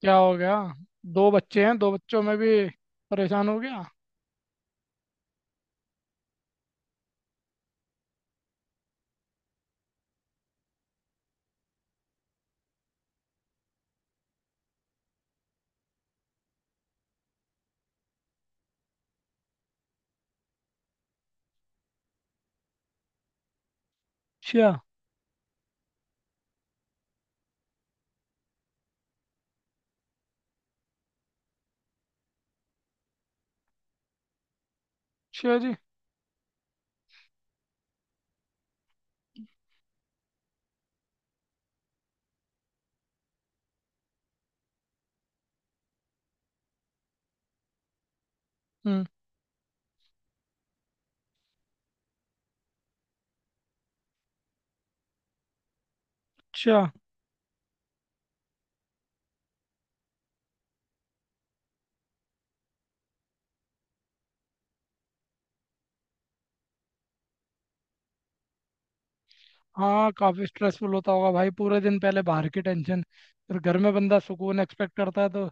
क्या हो गया? दो बच्चे हैं, दो बच्चों में भी परेशान हो गया? अच्छा। अच्छा जी। हम्म। अच्छा। हाँ, काफ़ी स्ट्रेसफुल होता होगा भाई। पूरे दिन पहले बाहर की टेंशन, फिर घर में बंदा सुकून एक्सपेक्ट करता है, तो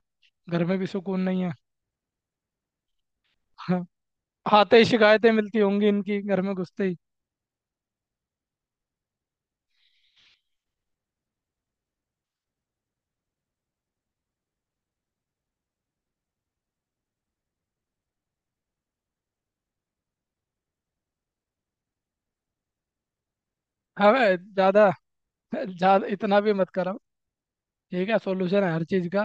घर में भी सुकून नहीं है। हाँ, आते ही शिकायतें मिलती होंगी इनकी, घर में घुसते ही। अबे ज़्यादा ज़्यादा इतना भी मत करो। ठीक है, सोल्यूशन है हर चीज़ का।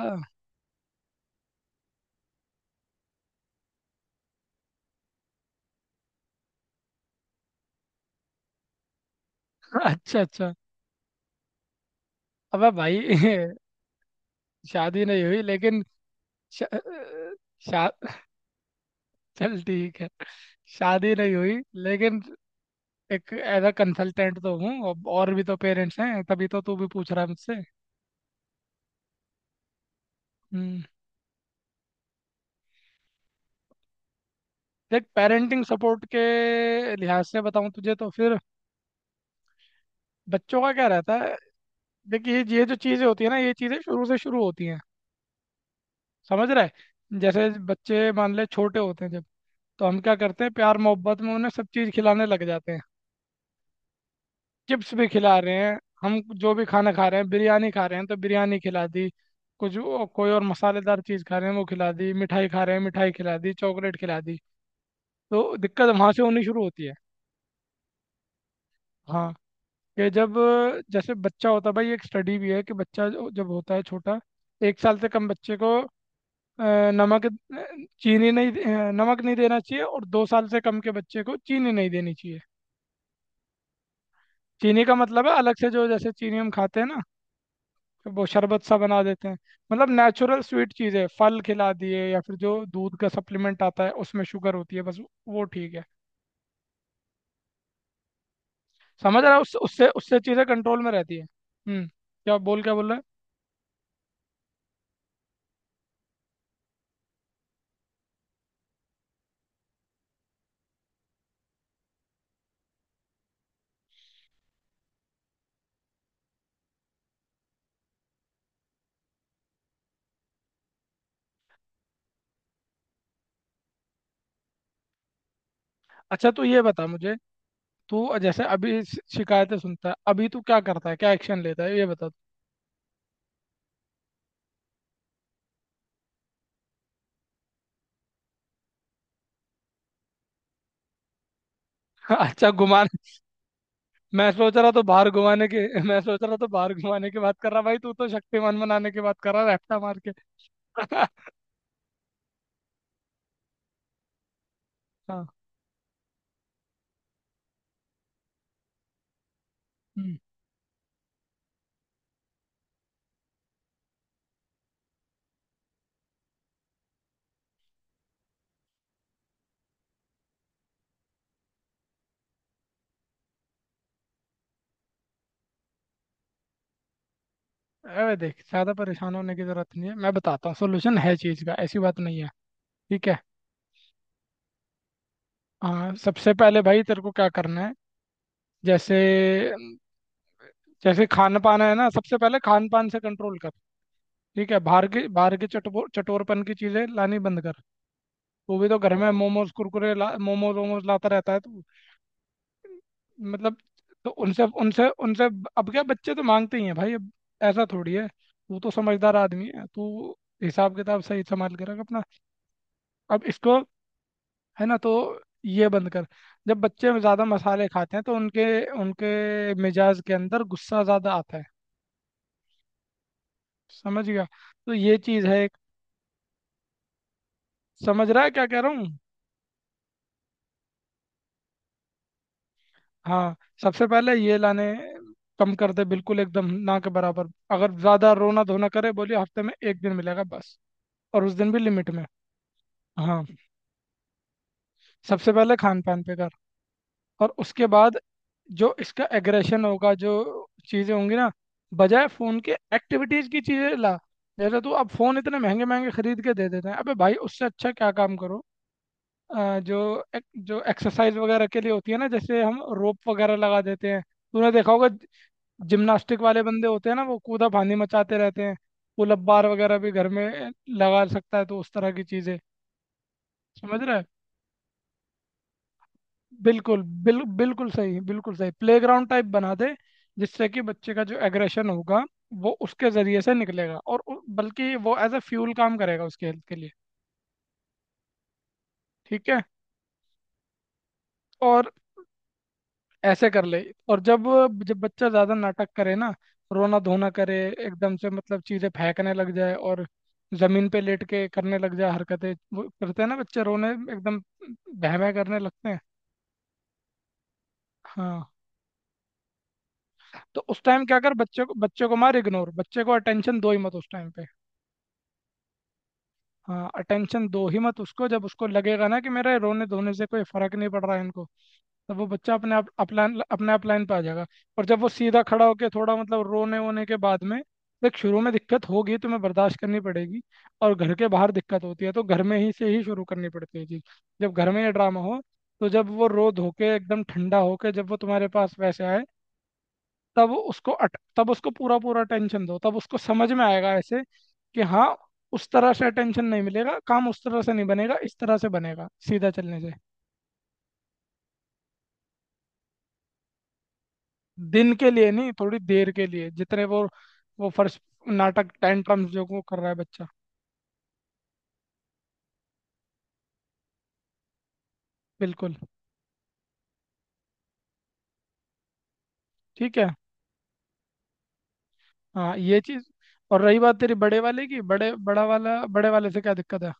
अच्छा, अच्छा। अबे भाई शादी नहीं हुई लेकिन, शा, चल ठीक है। शादी नहीं हुई लेकिन एक एज अ कंसल्टेंट तो हूँ अब। और भी तो पेरेंट्स हैं, तभी तो तू भी पूछ रहा है मुझसे। हम्म। देख, पेरेंटिंग सपोर्ट के लिहाज से बताऊँ तुझे तो फिर बच्चों का क्या रहता है। देख, ये जो चीज़ें होती है ना, ये चीज़ें शुरू से शुरू होती हैं। समझ रहा है, जैसे बच्चे मान ले छोटे होते हैं जब, तो हम क्या करते हैं, प्यार मोहब्बत में उन्हें सब चीज़ खिलाने लग जाते हैं। चिप्स भी खिला रहे हैं, हम जो भी खाना खा रहे हैं, बिरयानी खा रहे हैं तो बिरयानी खिला दी। कुछ कोई और मसालेदार चीज़ खा रहे हैं वो खिला दी, मिठाई खा रहे हैं मिठाई खिला दी, चॉकलेट खिला दी। तो दिक्कत वहाँ से होनी शुरू होती है। हाँ। कि जब जैसे बच्चा होता है भाई, एक स्टडी भी है कि बच्चा जब होता है छोटा, एक साल से कम बच्चे को अ, नमक चीनी नहीं दे- अ, नमक नहीं देना चाहिए, और दो साल से कम के बच्चे को चीनी नहीं देनी चाहिए। चीनी का मतलब है अलग से जो, जैसे चीनी हम खाते हैं ना, वो शरबत सा बना देते हैं। मतलब नेचुरल स्वीट चीज़ है, फल खिला दिए, या फिर जो दूध का सप्लीमेंट आता है उसमें शुगर होती है, बस वो ठीक है। समझ रहा है, उससे उससे चीज़ें कंट्रोल में रहती है। हम्म। क्या बोल रहा है? अच्छा, तू ये बता मुझे, तू जैसे अभी शिकायतें सुनता है, अभी तू क्या करता है, क्या एक्शन लेता है, ये बता तू। अच्छा, घुमान, मैं सोच रहा तो बाहर घुमाने के, मैं सोच रहा तो बाहर घुमाने की बात कर रहा भाई। तू तो शक्तिमान बनाने की बात कर रहा, रैप्टा मार के। हाँ। हम्म। अरे देख, ज़्यादा परेशान होने की ज़रूरत नहीं है। मैं बताता हूँ, सोल्यूशन है चीज़ का, ऐसी बात नहीं है। ठीक है। हाँ, सबसे पहले भाई तेरे को क्या करना है, जैसे, जैसे खान पान है ना, सबसे पहले खान पान से कंट्रोल कर। ठीक है, बाहर के चटपो चटोरपन की चीज़ें लानी बंद कर। वो भी तो घर में मोमोज कुरकुरे ला, मोमोज वोमोज लाता रहता है तो मतलब। तो उनसे उनसे उनसे अब क्या, बच्चे तो मांगते ही हैं भाई। अब ऐसा थोड़ी है, तू तो समझदार आदमी है तू, हिसाब किताब सही संभाल के रख अपना। अब इसको है ना, तो ये बंद कर। जब बच्चे ज़्यादा मसाले खाते हैं तो उनके उनके मिजाज के अंदर गुस्सा ज़्यादा आता है। समझ गया? तो ये चीज़ है एक। समझ रहा है क्या कह रहा हूँ? हाँ, सबसे पहले ये लाने कम कर दे, बिल्कुल एकदम ना के बराबर। अगर ज़्यादा रोना धोना करे, बोलिए हफ्ते में एक दिन मिलेगा बस, और उस दिन भी लिमिट में। हाँ, सबसे पहले खान पान पे कर, और उसके बाद जो इसका एग्रेशन होगा, जो चीज़ें होंगी ना, बजाय फ़ोन के एक्टिविटीज़ की चीज़ें ला। जैसे तू अब फ़ोन इतने महंगे महंगे खरीद के दे देते हैं, अबे भाई उससे अच्छा क्या काम करो। जो जो एक्सरसाइज वगैरह के लिए होती है ना, जैसे हम रोप वगैरह लगा देते हैं, तूने देखा होगा जिम्नास्टिक वाले बंदे होते हैं ना, वो कूदा फांदी मचाते रहते हैं। पुल अप बार वगैरह भी घर में लगा सकता है, तो उस तरह की चीज़ें। समझ रहा है? बिल्कुल बिल्कुल सही, बिल्कुल सही, प्लेग्राउंड टाइप बना दे, जिससे कि बच्चे का जो एग्रेशन होगा वो उसके जरिए से निकलेगा। और बल्कि वो एज अ फ्यूल काम करेगा उसके हेल्थ के लिए। ठीक है। और ऐसे कर ले। और जब जब बच्चा ज़्यादा नाटक करे ना, रोना धोना करे, एकदम से मतलब चीज़ें फेंकने लग जाए, और ज़मीन पे लेट के करने लग जाए हरकतें, वो करते हैं ना बच्चे रोने एकदम बहमे करने लगते हैं। हाँ। तो उस टाइम क्या कर, बच्चे को मार इग्नोर बच्चे को अटेंशन दो ही मत उस टाइम पे। हाँ, अटेंशन दो ही मत उसको, जब उसको लगेगा ना कि मेरे रोने धोने से कोई फर्क नहीं पड़ रहा है इनको, तब वो बच्चा अपने आप अपलाइन अपने आप लाइन पे आ जाएगा। और जब वो सीधा खड़ा होकर थोड़ा मतलब रोने वोने के बाद में, देख शुरू में दिक्कत होगी, तुम्हें बर्दाश्त करनी पड़ेगी। और घर के बाहर दिक्कत होती है तो घर में ही से ही शुरू करनी पड़ती है चीज़। जब घर में ये ड्रामा हो, तो जब वो रो धो के एकदम ठंडा होके जब वो तुम्हारे पास वैसे आए, तब तब उसको पूरा पूरा अटेंशन दो, तब उसको समझ में आएगा ऐसे कि हाँ, उस तरह से अटेंशन नहीं मिलेगा, काम उस तरह से नहीं बनेगा, इस तरह से बनेगा सीधा चलने से। दिन के लिए नहीं, थोड़ी देर के लिए, जितने वो फर्स्ट नाटक टेंट्रम्स जो वो कर रहा है बच्चा। बिल्कुल। ठीक है। हाँ ये चीज़। और रही बात तेरी बड़े वाले की, बड़े बड़ा वाला, बड़े वाले से क्या दिक्कत है?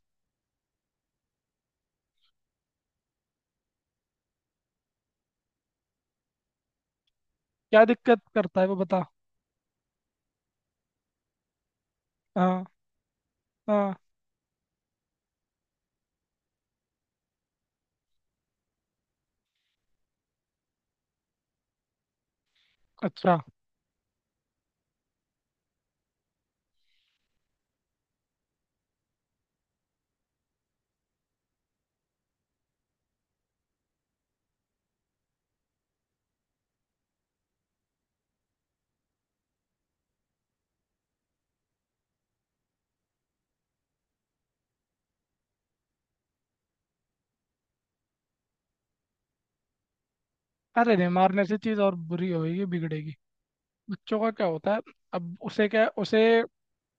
क्या दिक्कत करता है वो बता। हाँ। हाँ। अच्छा। अरे नहीं, मारने से चीज़ और बुरी होगी, बिगड़ेगी। बच्चों का क्या होता है, अब उसे क्या, उसे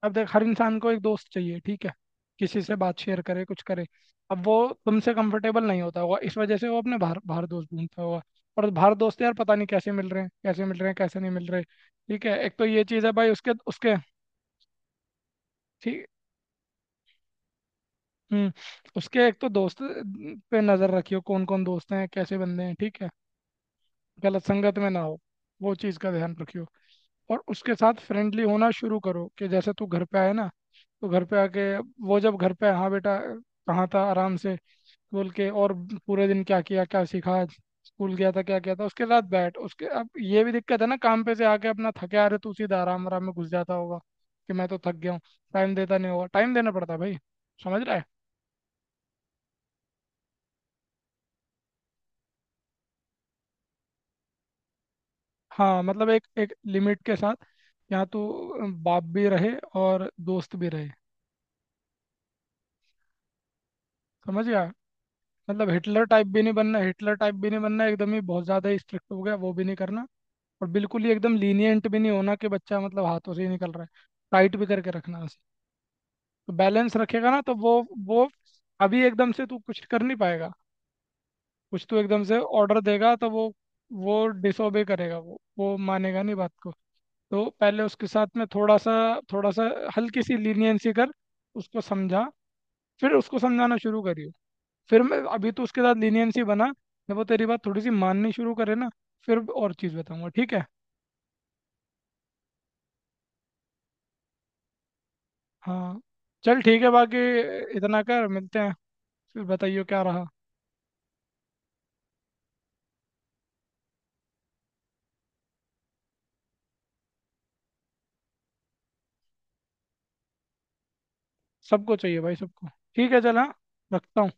अब देख, हर इंसान को एक दोस्त चाहिए, ठीक है, किसी से बात शेयर करे, कुछ करे। अब वो तुमसे कंफर्टेबल नहीं होता होगा, इस वजह से वो अपने बाहर बाहर दोस्त ढूंढता होगा। और बाहर दोस्त यार, पता नहीं कैसे मिल रहे हैं, कैसे नहीं मिल रहे, ठीक है, एक तो ये चीज़ है भाई उसके उसके। ठीक। हम्म। उसके एक तो दोस्त पे नज़र रखियो, कौन कौन दोस्त हैं, कैसे बंदे हैं, ठीक है, गलत संगत में ना हो, वो चीज़ का ध्यान रखियो। और उसके साथ फ्रेंडली होना शुरू करो, कि जैसे तू घर पे आए ना, तो घर पे आके, वो जब घर पे, हाँ बेटा कहाँ था, आराम से बोल के, और पूरे दिन क्या किया, क्या सीखा आज, स्कूल गया था क्या किया था, उसके साथ बैठ उसके। अब ये भी दिक्कत है ना, काम पे से आके अपना थके आ रहे, तू सीधा आराम आराम में घुस जाता होगा कि मैं तो थक गया हूँ, टाइम देता नहीं होगा। टाइम देना पड़ता है भाई, समझ रहा है? हाँ, मतलब एक एक लिमिट के साथ, यहाँ तो बाप भी रहे और दोस्त भी रहे। समझ गया? मतलब हिटलर टाइप भी नहीं बनना, एकदम ही बहुत ज़्यादा स्ट्रिक्ट हो गया वो भी नहीं करना, और बिल्कुल ही एकदम लीनियंट भी नहीं होना कि बच्चा मतलब हाथों से ही निकल रहा है। टाइट भी करके रखना है उसे, तो बैलेंस रखेगा ना तो वो अभी एकदम से तू कुछ कर नहीं पाएगा। कुछ तू एकदम से ऑर्डर देगा तो वो डिसोबे करेगा, वो मानेगा नहीं बात को। तो पहले उसके साथ में थोड़ा सा हल्की सी लीनियंसी कर, उसको समझा, फिर उसको समझाना शुरू करियो। फिर मैं अभी तो उसके साथ लीनियंसी बना, जब वो तेरी बात थोड़ी सी माननी शुरू करे ना, फिर और चीज़ बताऊंगा। ठीक है। हाँ, चल ठीक है, बाकी इतना कर, मिलते हैं, फिर बताइए क्या रहा। सबको चाहिए भाई, सबको। ठीक है, चल, हाँ, रखता हूँ।